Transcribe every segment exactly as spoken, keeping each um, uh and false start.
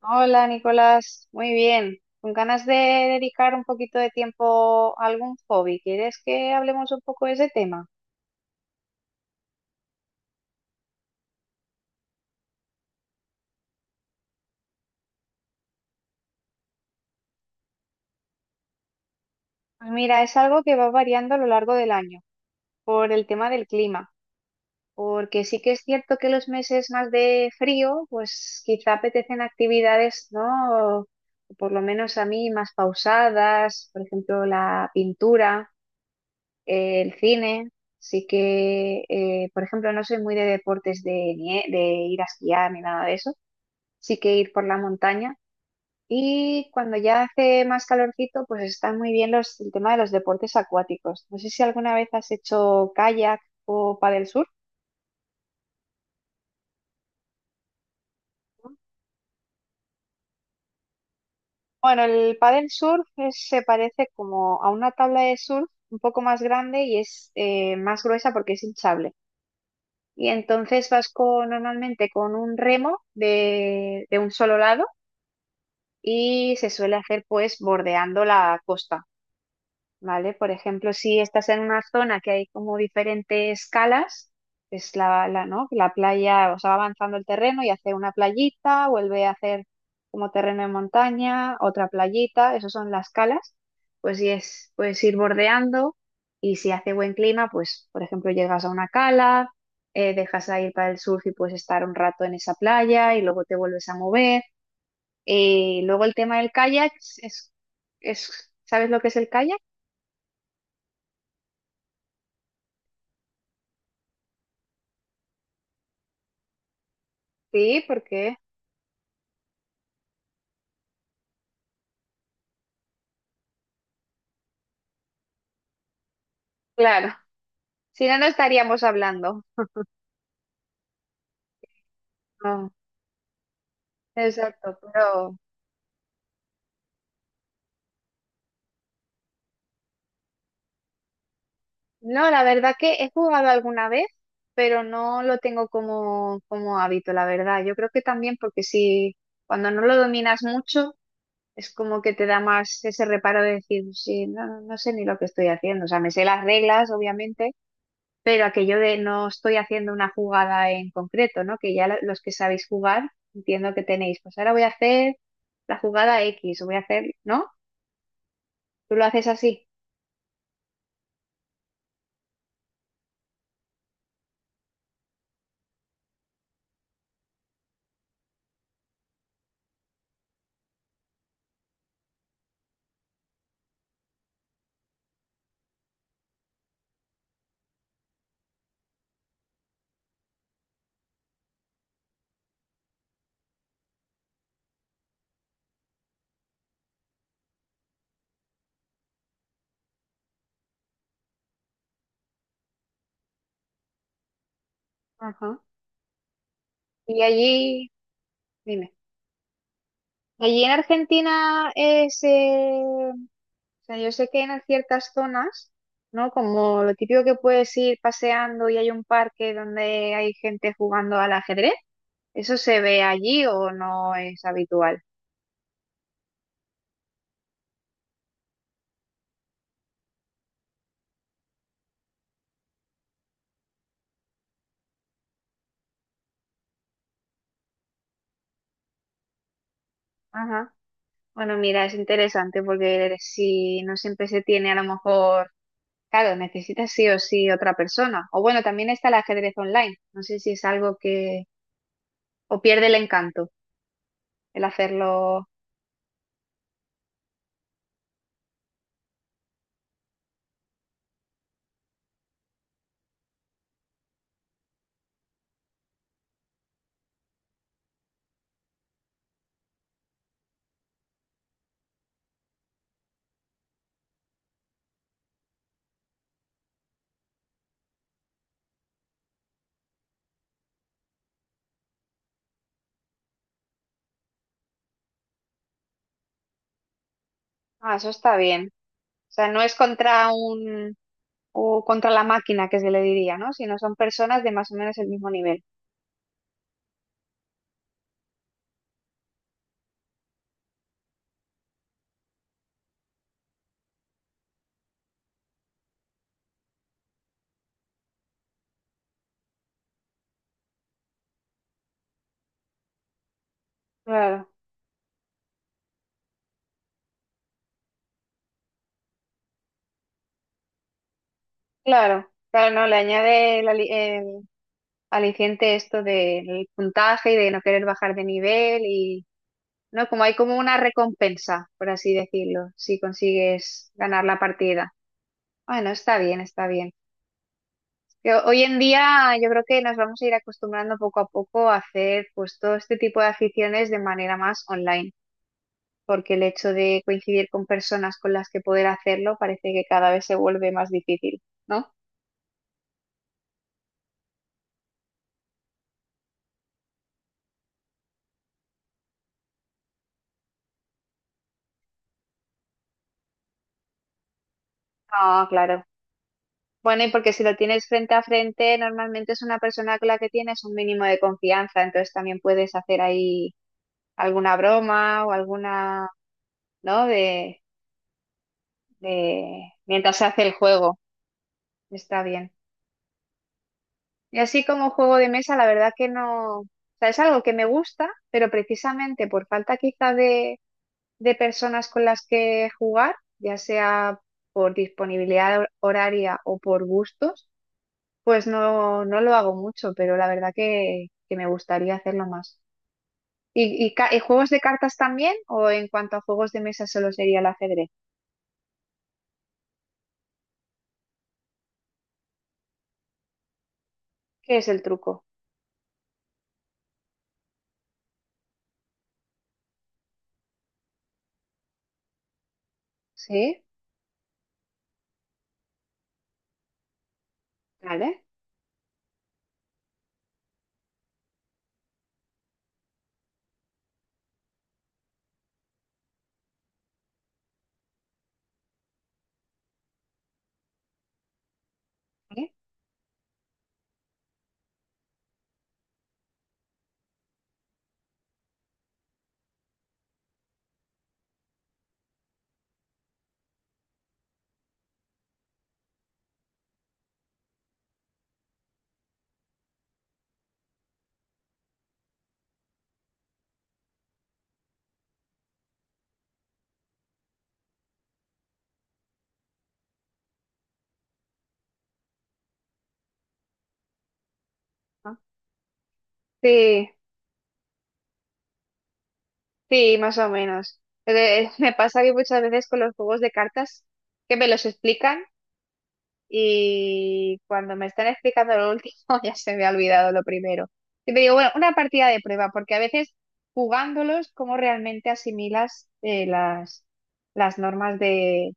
Hola Nicolás, muy bien. Con ganas de dedicar un poquito de tiempo a algún hobby. ¿Quieres que hablemos un poco de ese tema? Pues mira, es algo que va variando a lo largo del año por el tema del clima, porque sí que es cierto que los meses más de frío, pues quizá apetecen actividades, ¿no? O por lo menos a mí más pausadas, por ejemplo, la pintura. Eh, el cine. Sí que, eh, por ejemplo, no soy muy de deportes de, nie- de ir a esquiar ni nada de eso. Sí que ir por la montaña. Y cuando ya hace más calorcito, pues están muy bien los, el tema de los deportes acuáticos. No sé si alguna vez has hecho kayak o paddle surf. Bueno, el paddle surf es- se parece como a una tabla de surf un poco más grande y es eh, más gruesa porque es hinchable. Y entonces vas con, normalmente con un remo de, de un solo lado y se suele hacer pues bordeando la costa, ¿vale? Por ejemplo, si estás en una zona que hay como diferentes calas, es la, la, ¿no? La playa, o sea, va avanzando el terreno y hace una playita, vuelve a hacer como terreno de montaña, otra playita, esas son las calas, pues sí es, puedes ir bordeando y si hace buen clima, pues por ejemplo llegas a una cala, eh, dejas a ir para el surf y puedes estar un rato en esa playa y luego te vuelves a mover. Eh, luego el tema del kayak es, es, es- ¿Sabes lo que es el kayak? Sí, porque, claro, si no, no estaríamos hablando. No, exacto, pero no, la verdad que he jugado alguna vez, pero no lo tengo como, como hábito, la verdad. Yo creo que también porque si cuando no lo dominas mucho, es como que te da más ese reparo de decir, sí, no, no no sé ni lo que estoy haciendo. O sea, me sé las reglas, obviamente, pero aquello de no estoy haciendo una jugada en concreto, ¿no? Que ya lo- los que sabéis jugar, entiendo que tenéis, pues ahora voy a hacer la jugada X, o voy a hacer, ¿no? Tú lo haces así. Ajá. Y allí, dime, allí en Argentina es, eh, o sea, yo sé que en ciertas zonas, ¿no? Como lo típico que puedes ir paseando y hay un parque donde hay gente jugando al ajedrez, ¿eso se ve allí o no es habitual? Bueno, mira, es interesante porque si no siempre se tiene a lo mejor, claro, necesitas sí o sí otra persona. O bueno, también está el ajedrez online. No sé si es algo que, o pierde el encanto el hacerlo. Ah, eso está bien. O sea, no es contra un, o contra la máquina que se le diría, ¿no? Sino son personas de más o menos el mismo nivel. Claro, claro. Claro, no, le añade el, ali- el aliciente esto del puntaje y de no querer bajar de nivel y ¿no? Como hay como una recompensa, por así decirlo, si consigues ganar la partida. Bueno, está bien, está bien. Yo- hoy en día yo creo que nos vamos a ir acostumbrando poco a poco a hacer pues todo este tipo de aficiones de manera más online, porque el hecho de coincidir con personas con las que poder hacerlo parece que cada vez se vuelve más difícil, ¿no? Ah, claro. Bueno, y porque si lo tienes frente a frente, normalmente es una persona con la que tienes un mínimo de confianza, entonces también puedes hacer ahí alguna broma o alguna, ¿no? De, de mientras se hace el juego. Está bien. Y así como juego de mesa, la verdad que no. O sea, es algo que me gusta, pero precisamente por falta quizá de, de personas con las que jugar, ya sea por disponibilidad hor- horaria o por gustos, pues no, no lo hago mucho, pero la verdad que, que me gustaría hacerlo más. ¿Y, y ca- y juegos de cartas también? ¿O en cuanto a juegos de mesa solo sería el ajedrez? ¿Qué es el truco? ¿Sí? ¿Vale? ¿Sí? Sí, sí, más o menos. Pero, eh, me pasa que muchas veces con los juegos de cartas que me los explican y cuando me están explicando lo último ya se me ha olvidado lo primero. Y me digo, bueno, una partida de prueba, porque a veces jugándolos, ¿cómo realmente asimilas eh, las, las normas de,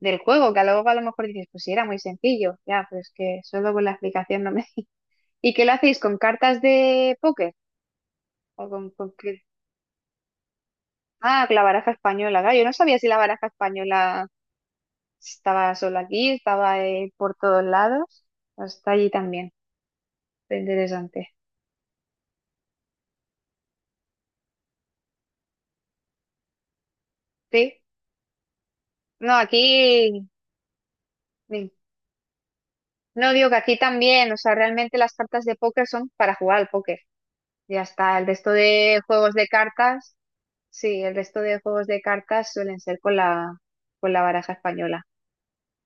del juego? Que luego a lo mejor dices, pues sí, era muy sencillo, ya, pero es que solo con la explicación no me... ¿Y qué lo hacéis con cartas de póker? ¿O con, con qué...? Ah, la baraja española, claro. Yo no sabía si la baraja española estaba solo aquí, estaba eh, por todos lados. Está allí también. Está interesante. Sí. No, aquí. Sí. No digo que aquí también. O sea, realmente las cartas de póker son para jugar al póker. Ya está. El resto de juegos de cartas. Sí, el resto de juegos de cartas suelen ser con la, con la, baraja española.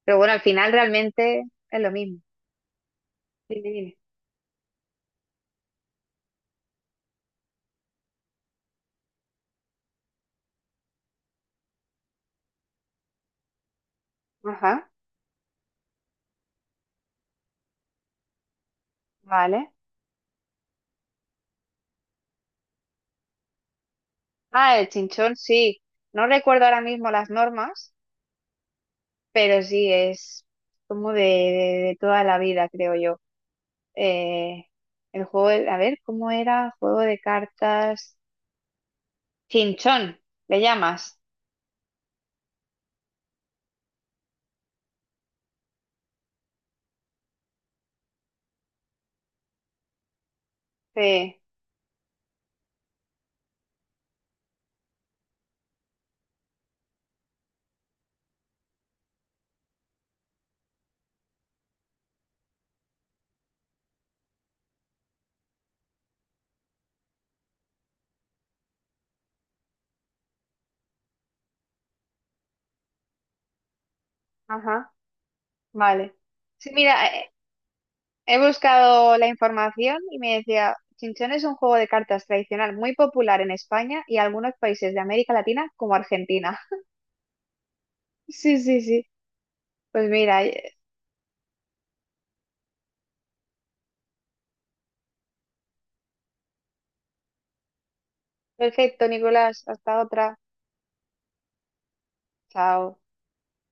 Pero bueno, al final realmente es lo mismo. Dime, dime. Ajá. Vale. Ah, el chinchón, sí. No recuerdo ahora mismo las normas, pero sí es como de, de- de toda la vida, creo yo. Eh, el juego, de- a ver, ¿cómo era? Juego de cartas. Chinchón, ¿le llamas? Sí, ajá, vale. Sí, mira, eh, he buscado la información y me decía, Chinchón es un juego de cartas tradicional muy popular en España y algunos países de América Latina como Argentina. Sí, sí, sí. Pues mira, eh, perfecto, Nicolás, hasta otra. Chao.